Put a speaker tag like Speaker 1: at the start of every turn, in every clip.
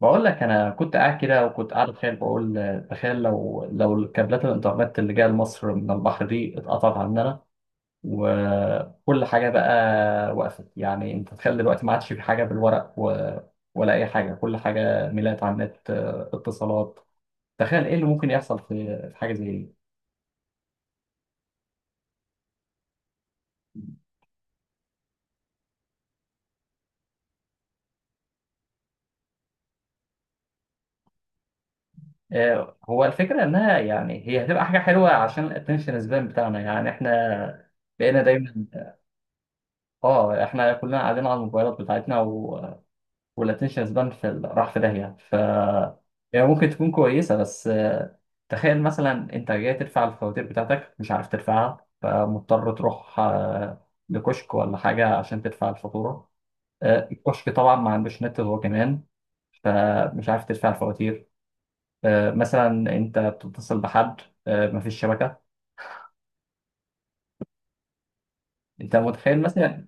Speaker 1: بقول لك انا كنت قاعد كده وكنت قاعد اتخيل بقول تخيل لو كابلات الانترنت اللي جايه لمصر من البحر دي اتقطعت عننا وكل حاجه بقى وقفت، يعني انت تخيل دلوقتي ما عادش في حاجه بالورق ولا اي حاجه، كل حاجه ميلات على النت. اتصالات، تخيل ايه اللي ممكن يحصل في حاجه زي دي. هو الفكره انها يعني هي هتبقى حاجه حلوه عشان الاتنشن سبان بتاعنا، يعني احنا بقينا دايما. اه، احنا كلنا قاعدين على الموبايلات بتاعتنا، والاتنشن سبان في راح في داهية. يعني ممكن تكون كويسة، بس تخيل مثلا انت جاي تدفع الفواتير بتاعتك، مش عارف تدفعها، فمضطر تروح لكشك ولا حاجة عشان تدفع الفاتورة. الكشك طبعا ما عندوش نت هو كمان، فمش عارف تدفع الفواتير. مثلا انت بتتصل بحد، مفيش شبكة. انت متخيل مثلا،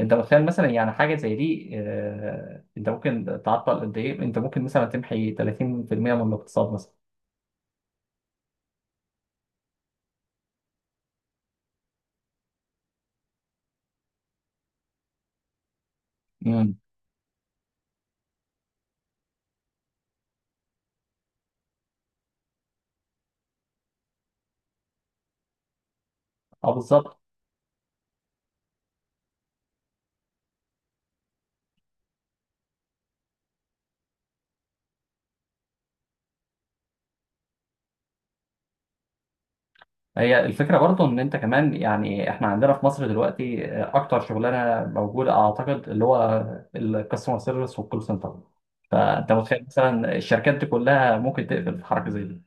Speaker 1: انت متخيل مثلا يعني حاجة زي دي، انت ممكن تعطل قد ايه، انت ممكن مثلا تمحي 30% من الاقتصاد مثلا. اه بالظبط. هي الفكره برضو ان انت كمان، يعني احنا عندنا في مصر دلوقتي اكتر شغلانه موجوده اعتقد، اللي هو الكاستمر سيرفيس والكول سنتر. فانت متخيل مثلا الشركات دي كلها ممكن تقفل في حركه زي دي.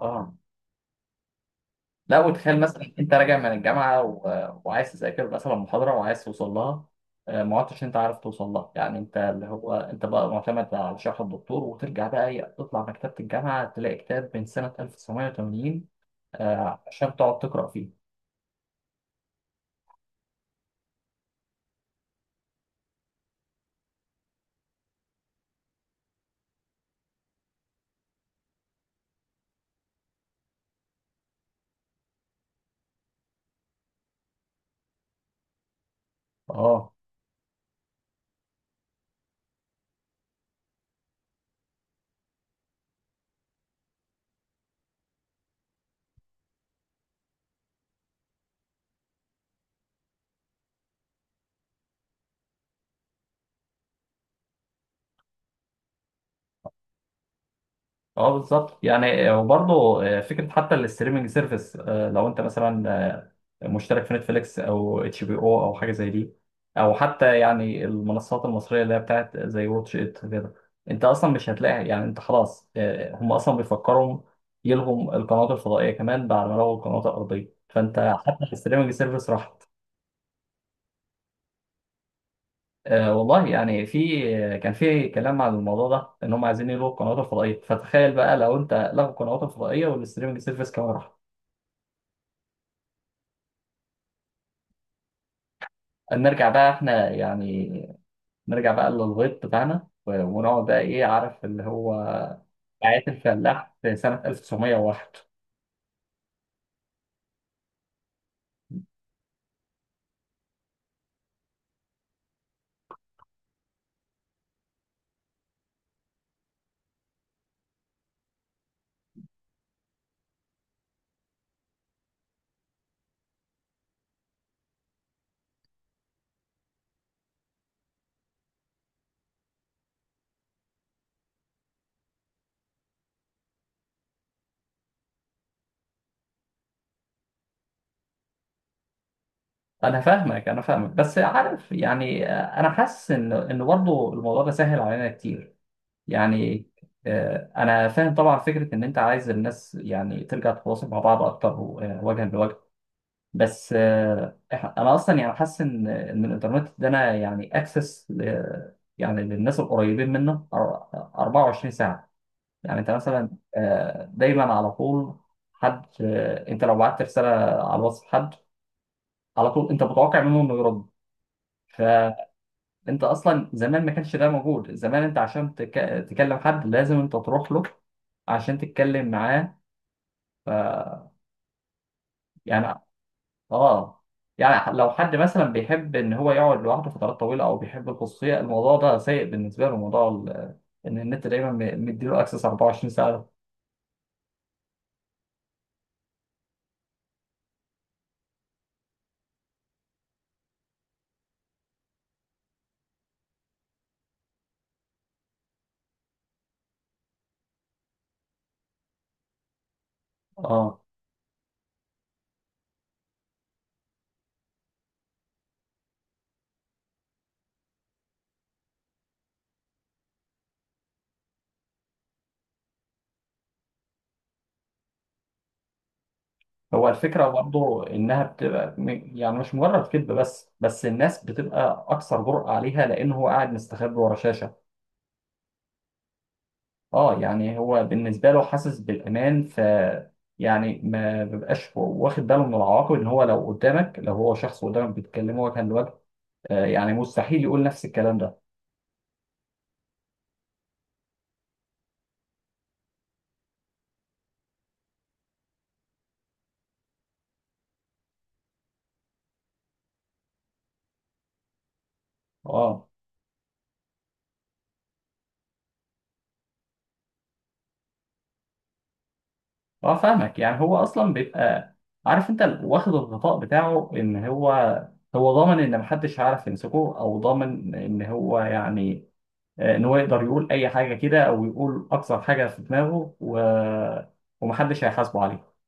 Speaker 1: اه، لا، وتخيل مثلا انت راجع من الجامعه وعايز تذاكر مثلا محاضره وعايز توصل لها، ما عدتش انت عارف توصل لها. يعني انت اللي هو انت بقى معتمد على شرح الدكتور، وترجع بقى تطلع مكتبه الجامعه تلاقي كتاب من سنه 1980، عشان تقعد تقرا فيه. اه اه بالظبط، يعني وبرضه فكره حتى الاستريمنج سيرفيس. لو انت مثلا مشترك في نتفليكس او اتش بي او، او حاجه زي دي، او حتى يعني المنصات المصريه اللي هي بتاعت زي واتش ات كده، انت اصلا مش هتلاقي. يعني انت خلاص، هم اصلا بيفكروا يلغوا القنوات الفضائيه كمان بعد ما لغوا القنوات الارضيه، فانت حتى الاستريمنج سيرفيس راحت. آه والله، يعني في كان في كلام عن الموضوع ده ان هم عايزين يلغوا القنوات الفضائيه، فتخيل بقى لو انت، لغوا القنوات الفضائيه والستريمنج سيرفيس كمان راح. نرجع بقى احنا، يعني نرجع بقى للغيط بتاعنا، ونقعد بقى ايه، عارف، اللي هو حياة الفلاح في سنه 1901. انا فاهمك انا فاهمك، بس عارف، يعني انا حاسس ان برضه الموضوع ده سهل علينا كتير. يعني انا فاهم طبعا فكره ان انت عايز الناس يعني ترجع تتواصل مع بعض اكتر، وجها لوجه. بس انا اصلا يعني حاسس ان الانترنت ده، انا يعني اكسس يعني للناس القريبين منه 24 ساعه. يعني انت مثلا دايما على طول حد، انت لو بعت رساله على الواتس حد، على طول انت متوقع منه انه يرد. فانت اصلا زمان ما كانش ده موجود. زمان انت عشان تكلم حد لازم انت تروح له عشان تتكلم معاه. ف... يعني. اه. يعني لو حد مثلا بيحب ان هو يقعد لوحده فترات طويله، او بيحب الخصوصيه، الموضوع ده سيء بالنسبه له. موضوع ان النت دايما مديله اكسس 24 ساعه. اه، هو الفكره برضه انها بتبقى يعني مش مجرد كذب، بس الناس بتبقى اكثر جرأة عليها لان هو قاعد مستخبي ورا شاشه. اه، يعني هو بالنسبه له حاسس بالامان. يعني ما بيبقاش واخد باله من العواقب، ان هو لو قدامك، لو هو شخص قدامك بيتكلم وجها لوجه، يعني مستحيل يقول نفس الكلام ده. اه اه فاهمك، يعني هو اصلا بيبقى عارف انت، واخد الغطاء بتاعه ان هو، ضامن ان محدش هيعرف يمسكه، او ضامن ان هو، يعني ان هو يقدر يقول اي حاجه كده، او يقول اكثر حاجه في دماغه ومحدش هيحاسبه عليه.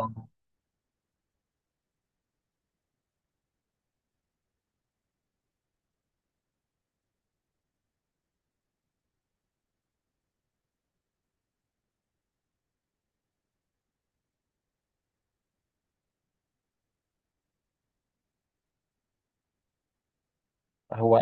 Speaker 1: آه. هو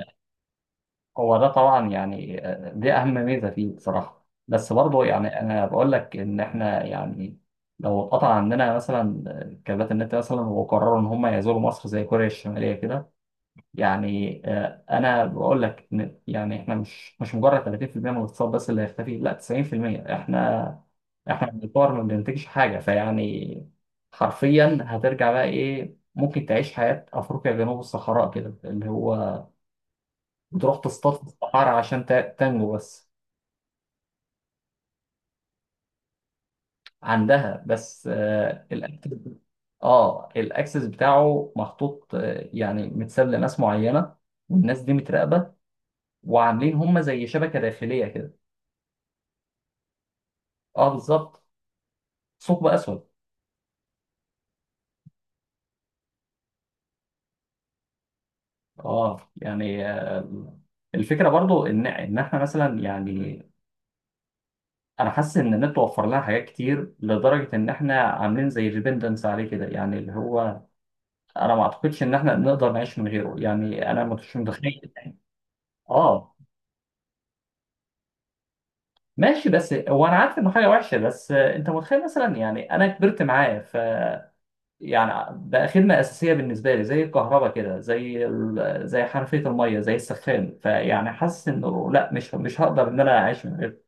Speaker 1: هو ده طبعا، يعني دي اهم ميزه فيه بصراحه. بس برضه يعني انا بقول لك ان احنا، يعني لو اتقطع عندنا مثلا كابات النت مثلا، وقرروا ان هم يزوروا مصر زي كوريا الشماليه كده. يعني انا بقول لك إن يعني احنا مش مجرد 30% من الاقتصاد بس اللي هيختفي، لا، 90%. احنا بنطور، ما بننتجش حاجه. فيعني حرفيا هترجع بقى ايه، ممكن تعيش حياه افريقيا جنوب الصحراء كده، اللي هو بتروح تصطاد في الصحراء عشان تنجو بس. عندها، بس آه الاكسس. اه، الاكسس بتاعه محطوط، يعني متساب لناس معينه، والناس دي متراقبه، وعاملين هم زي شبكه داخليه كده. اه بالظبط. ثقب اسود. اه، يعني الفكره برضو ان احنا مثلا، يعني انا حاسس ان النت وفر لنا حاجات كتر لدرجه ان احنا عاملين زي ديبندنس عليه كده، يعني اللي هو انا ما اعتقدش ان احنا نقدر نعيش من غيره. يعني انا مش متخيل يعني. اه، ماشي. بس هو انا عارف انه حاجه وحشه، بس انت متخيل مثلا، يعني انا كبرت معاه. يعني بقى خدمة أساسية بالنسبة لي، زي الكهرباء كده، زي زي حنفية المية، زي السخان. فيعني حاسس إنه لا، مش هقدر إن أنا أعيش من غير.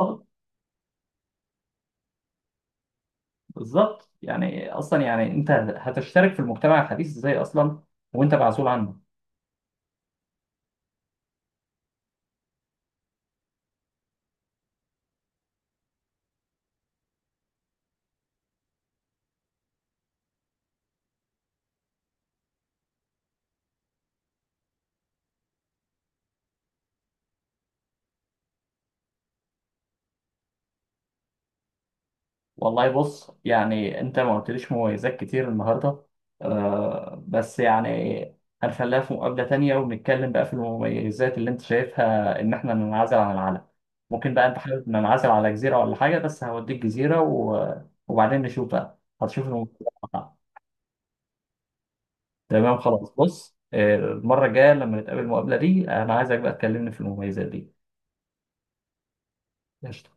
Speaker 1: آه، بالظبط. يعني أصلا، يعني أنت هتشترك في المجتمع الحديث إزاي أصلا وأنت معزول عنه؟ والله بص، يعني انت ما قلتليش مميزات كتير النهارده آه. بس يعني هنخليها في مقابلة تانية، ونتكلم بقى في المميزات اللي انت شايفها. ان احنا ننعزل عن العالم، ممكن بقى. انت حابب ننعزل على جزيرة ولا حاجة؟ بس هوديك جزيرة وبعدين نشوف بقى، هتشوف المميزات بتاعها. تمام خلاص. بص المرة الجاية لما نتقابل المقابلة دي، انا عايزك بقى تكلمني في المميزات دي. قشطة